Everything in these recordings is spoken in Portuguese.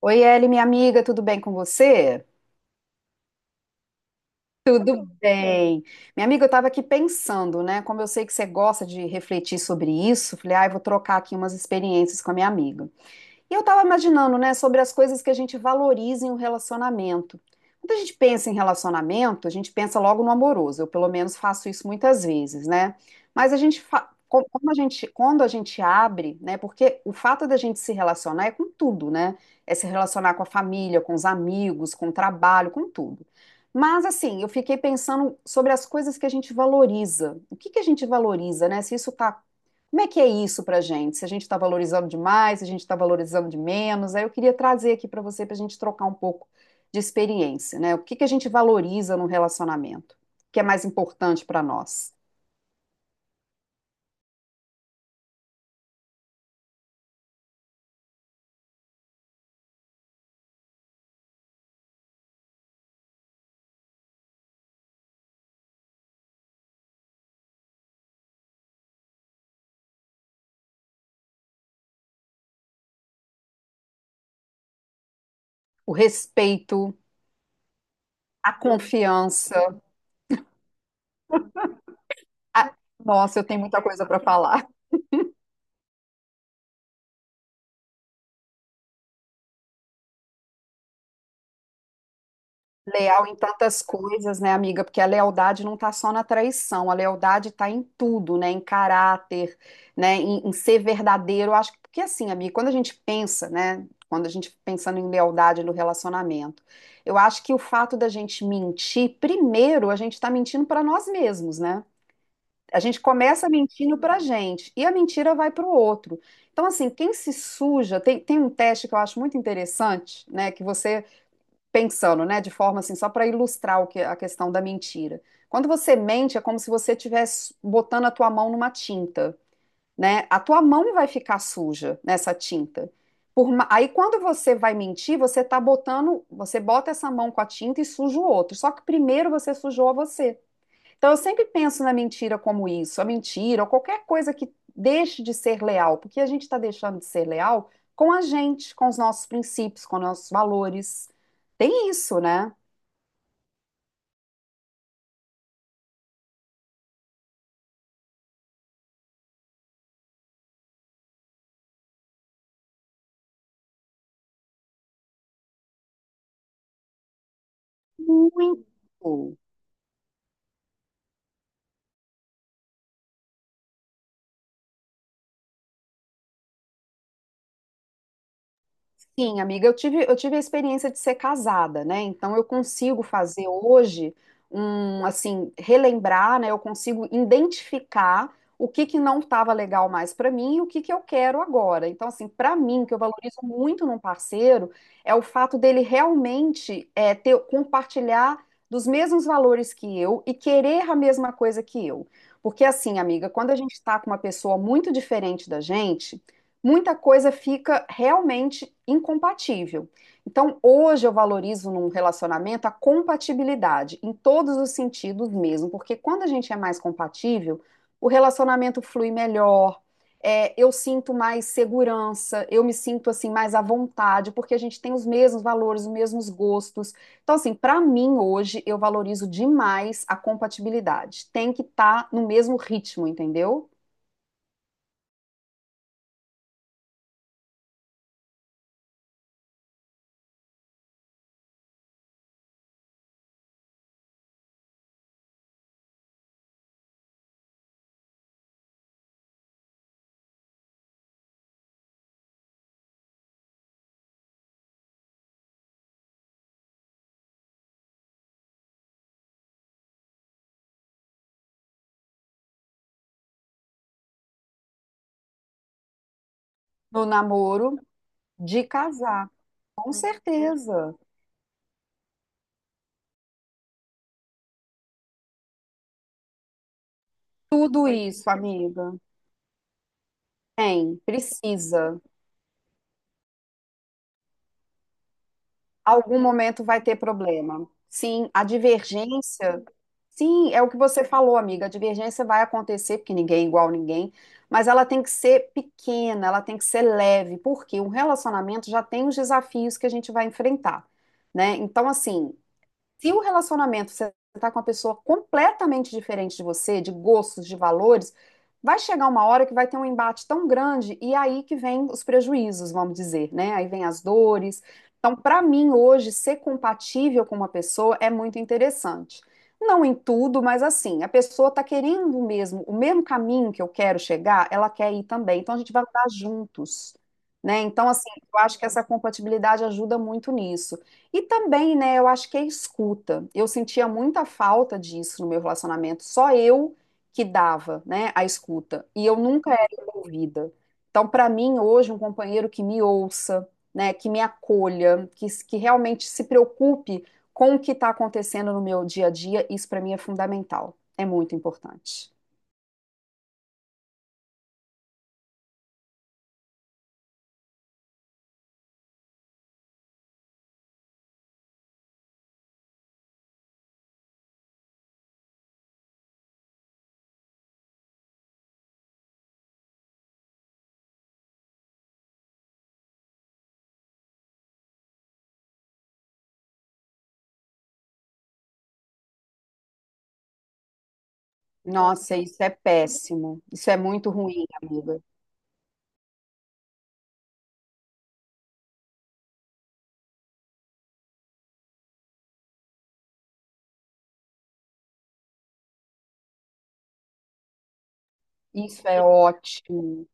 Oi, Eli, minha amiga, tudo bem com você? Tudo bem. Minha amiga, eu estava aqui pensando, né? Como eu sei que você gosta de refletir sobre isso, falei, ah, eu vou trocar aqui umas experiências com a minha amiga. E eu estava imaginando, né, sobre as coisas que a gente valoriza em um relacionamento. Quando a gente pensa em relacionamento, a gente pensa logo no amoroso. Eu, pelo menos, faço isso muitas vezes, né? Mas a gente, como a gente, quando a gente abre, né? Porque o fato da gente se relacionar é com tudo, né? É se relacionar com a família, com os amigos, com o trabalho, com tudo. Mas, assim, eu fiquei pensando sobre as coisas que a gente valoriza. O que que a gente valoriza, né? Se isso está como é que é isso para a gente? Se a gente está valorizando demais, se a gente está valorizando de menos? Aí eu queria trazer aqui para você, para a gente trocar um pouco de experiência, né? O que que a gente valoriza no relacionamento? O que é mais importante para nós? O respeito, a confiança. a- Nossa, eu tenho muita coisa para falar. Leal em tantas coisas, né, amiga? Porque a lealdade não está só na traição, a lealdade está em tudo, né? Em caráter, né? Em ser verdadeiro. Eu acho que, porque assim, amiga, quando a gente pensa, né? Quando a gente pensando em lealdade no relacionamento, eu acho que o fato da gente mentir, primeiro, a gente está mentindo para nós mesmos, né? A gente começa mentindo pra gente e a mentira vai pro outro. Então, assim, quem se suja, tem um teste que eu acho muito interessante, né? Que você pensando, né, de forma assim, só para ilustrar o que, a questão da mentira. Quando você mente, é como se você estivesse botando a tua mão numa tinta, né? A tua mão vai ficar suja nessa tinta. Aí quando você vai mentir, você tá botando, você bota essa mão com a tinta e suja o outro. Só que primeiro você sujou você. Então, eu sempre penso na mentira como isso, a mentira ou qualquer coisa que deixe de ser leal, porque a gente está deixando de ser leal com a gente, com os nossos princípios, com os nossos valores. Tem isso, né? Muito. Sim, amiga, eu tive a experiência de ser casada, né? Então eu consigo fazer hoje um, assim, relembrar, né? Eu consigo identificar o que que não estava legal mais para mim e o que que eu quero agora. Então, assim, para mim, o que eu valorizo muito num parceiro é o fato dele realmente é, ter, compartilhar dos mesmos valores que eu e querer a mesma coisa que eu. Porque, assim, amiga, quando a gente está com uma pessoa muito diferente da gente muita coisa fica realmente incompatível. Então, hoje eu valorizo num relacionamento a compatibilidade, em todos os sentidos mesmo, porque quando a gente é mais compatível, o relacionamento flui melhor, é, eu sinto mais segurança, eu me sinto assim mais à vontade, porque a gente tem os mesmos valores, os mesmos gostos. Então, assim, para mim hoje eu valorizo demais a compatibilidade. Tem que estar no mesmo ritmo, entendeu? No namoro de casar. Com certeza. Tudo isso, amiga. Tem, precisa. Algum momento vai ter problema. Sim, a divergência. Sim, é o que você falou, amiga. A divergência vai acontecer, porque ninguém é igual a ninguém, mas ela tem que ser pequena, ela tem que ser leve, porque um relacionamento já tem os desafios que a gente vai enfrentar, né? Então, assim, se o relacionamento você está com uma pessoa completamente diferente de você, de gostos, de valores, vai chegar uma hora que vai ter um embate tão grande e aí que vem os prejuízos, vamos dizer, né? Aí vem as dores. Então, para mim, hoje, ser compatível com uma pessoa é muito interessante. Não em tudo, mas assim, a pessoa está querendo mesmo, o mesmo caminho que eu quero chegar, ela quer ir também. Então, a gente vai andar juntos, né? Então, assim, eu acho que essa compatibilidade ajuda muito nisso. E também, né, eu acho que é escuta. Eu sentia muita falta disso no meu relacionamento, só eu que dava, né, a escuta. E eu nunca era envolvida. Então, para mim, hoje, um companheiro que me ouça, né, que me acolha, que realmente se preocupe com o que está acontecendo no meu dia a dia, isso para mim é fundamental. É muito importante. Nossa, isso é péssimo. Isso é muito ruim, amiga. Isso é ótimo.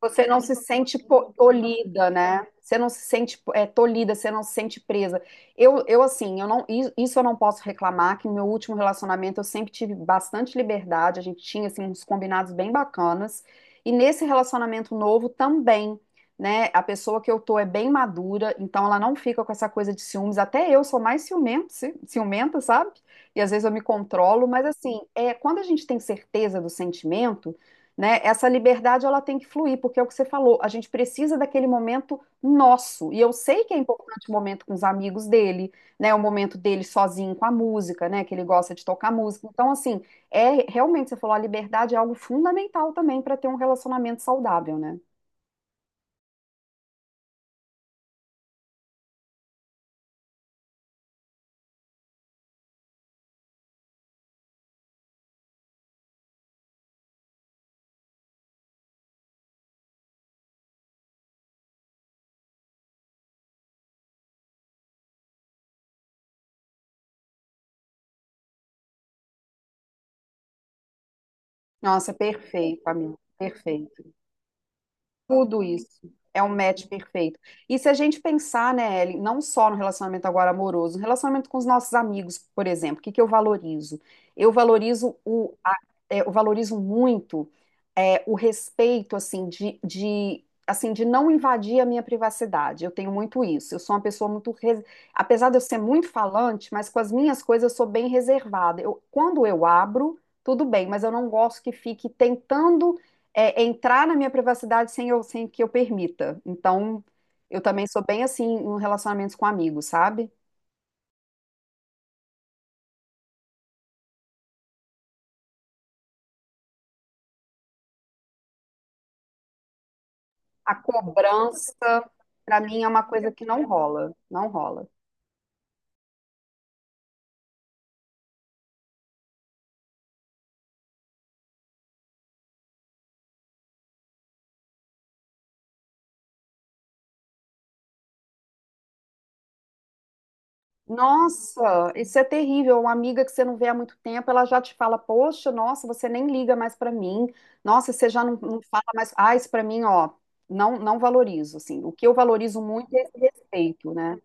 Você não se sente tolhida, né? Você não se sente é, tolhida, você não se sente presa. Eu assim, eu não, isso eu não posso reclamar, que no meu último relacionamento eu sempre tive bastante liberdade, a gente tinha assim, uns combinados bem bacanas. E nesse relacionamento novo também, né? A pessoa que eu tô é bem madura, então ela não fica com essa coisa de ciúmes. Até eu sou mais ciumenta, ciumenta, sabe? E às vezes eu me controlo, mas assim, é, quando a gente tem certeza do sentimento, né? Essa liberdade ela tem que fluir, porque é o que você falou, a gente precisa daquele momento nosso. E eu sei que é importante o momento com os amigos dele, né? O momento dele sozinho com a música, né? Que ele gosta de tocar música. Então, assim, é realmente, você falou, a liberdade é algo fundamental também para ter um relacionamento saudável, né? Nossa, perfeito, amigo, perfeito. Tudo isso é um match perfeito. E se a gente pensar, né, Ellen, não só no relacionamento agora amoroso, no relacionamento com os nossos amigos, por exemplo, o que que eu valorizo? Eu valorizo é, eu valorizo muito é, o respeito, assim, assim, de não invadir a minha privacidade. Eu tenho muito isso. Eu sou uma pessoa muito, apesar de eu ser muito falante, mas com as minhas coisas eu sou bem reservada. Eu, quando eu abro, tudo bem, mas eu não gosto que fique tentando é entrar na minha privacidade sem eu, sem que eu permita. Então, eu também sou bem assim em relacionamentos com amigos, sabe? A cobrança, pra mim, é uma coisa que não rola, não rola. Nossa, isso é terrível. Uma amiga que você não vê há muito tempo, ela já te fala: Poxa, nossa, você nem liga mais pra mim. Nossa, você já não, não fala mais. Ah, isso pra mim, ó, não, não valorizo. Assim, o que eu valorizo muito é esse respeito, né?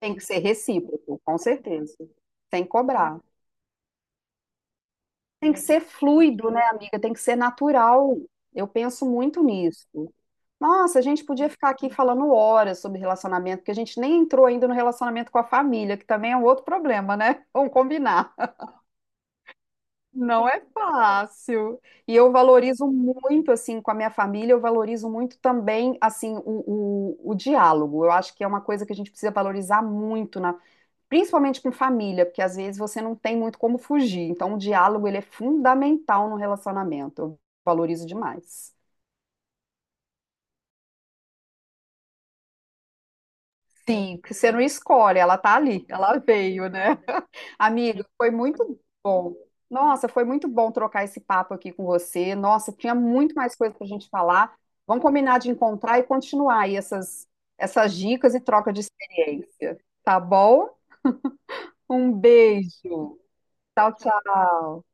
Tem que ser recíproco, com certeza. Sem cobrar. Tem que ser fluido, né, amiga? Tem que ser natural. Eu penso muito nisso. Nossa, a gente podia ficar aqui falando horas sobre relacionamento, porque a gente nem entrou ainda no relacionamento com a família, que também é um outro problema, né? Vamos combinar. Não é fácil. E eu valorizo muito, assim, com a minha família, eu valorizo muito também, assim, o diálogo. Eu acho que é uma coisa que a gente precisa valorizar muito na principalmente com família, porque às vezes você não tem muito como fugir. Então, o diálogo ele é fundamental no relacionamento. Eu valorizo demais. Sim, porque você não escolhe, ela tá ali, ela veio, né? Amiga, foi muito bom. Nossa, foi muito bom trocar esse papo aqui com você. Nossa, tinha muito mais coisa pra gente falar. Vamos combinar de encontrar e continuar aí essas, essas dicas e troca de experiência, tá bom? Um beijo. Tchau, tchau.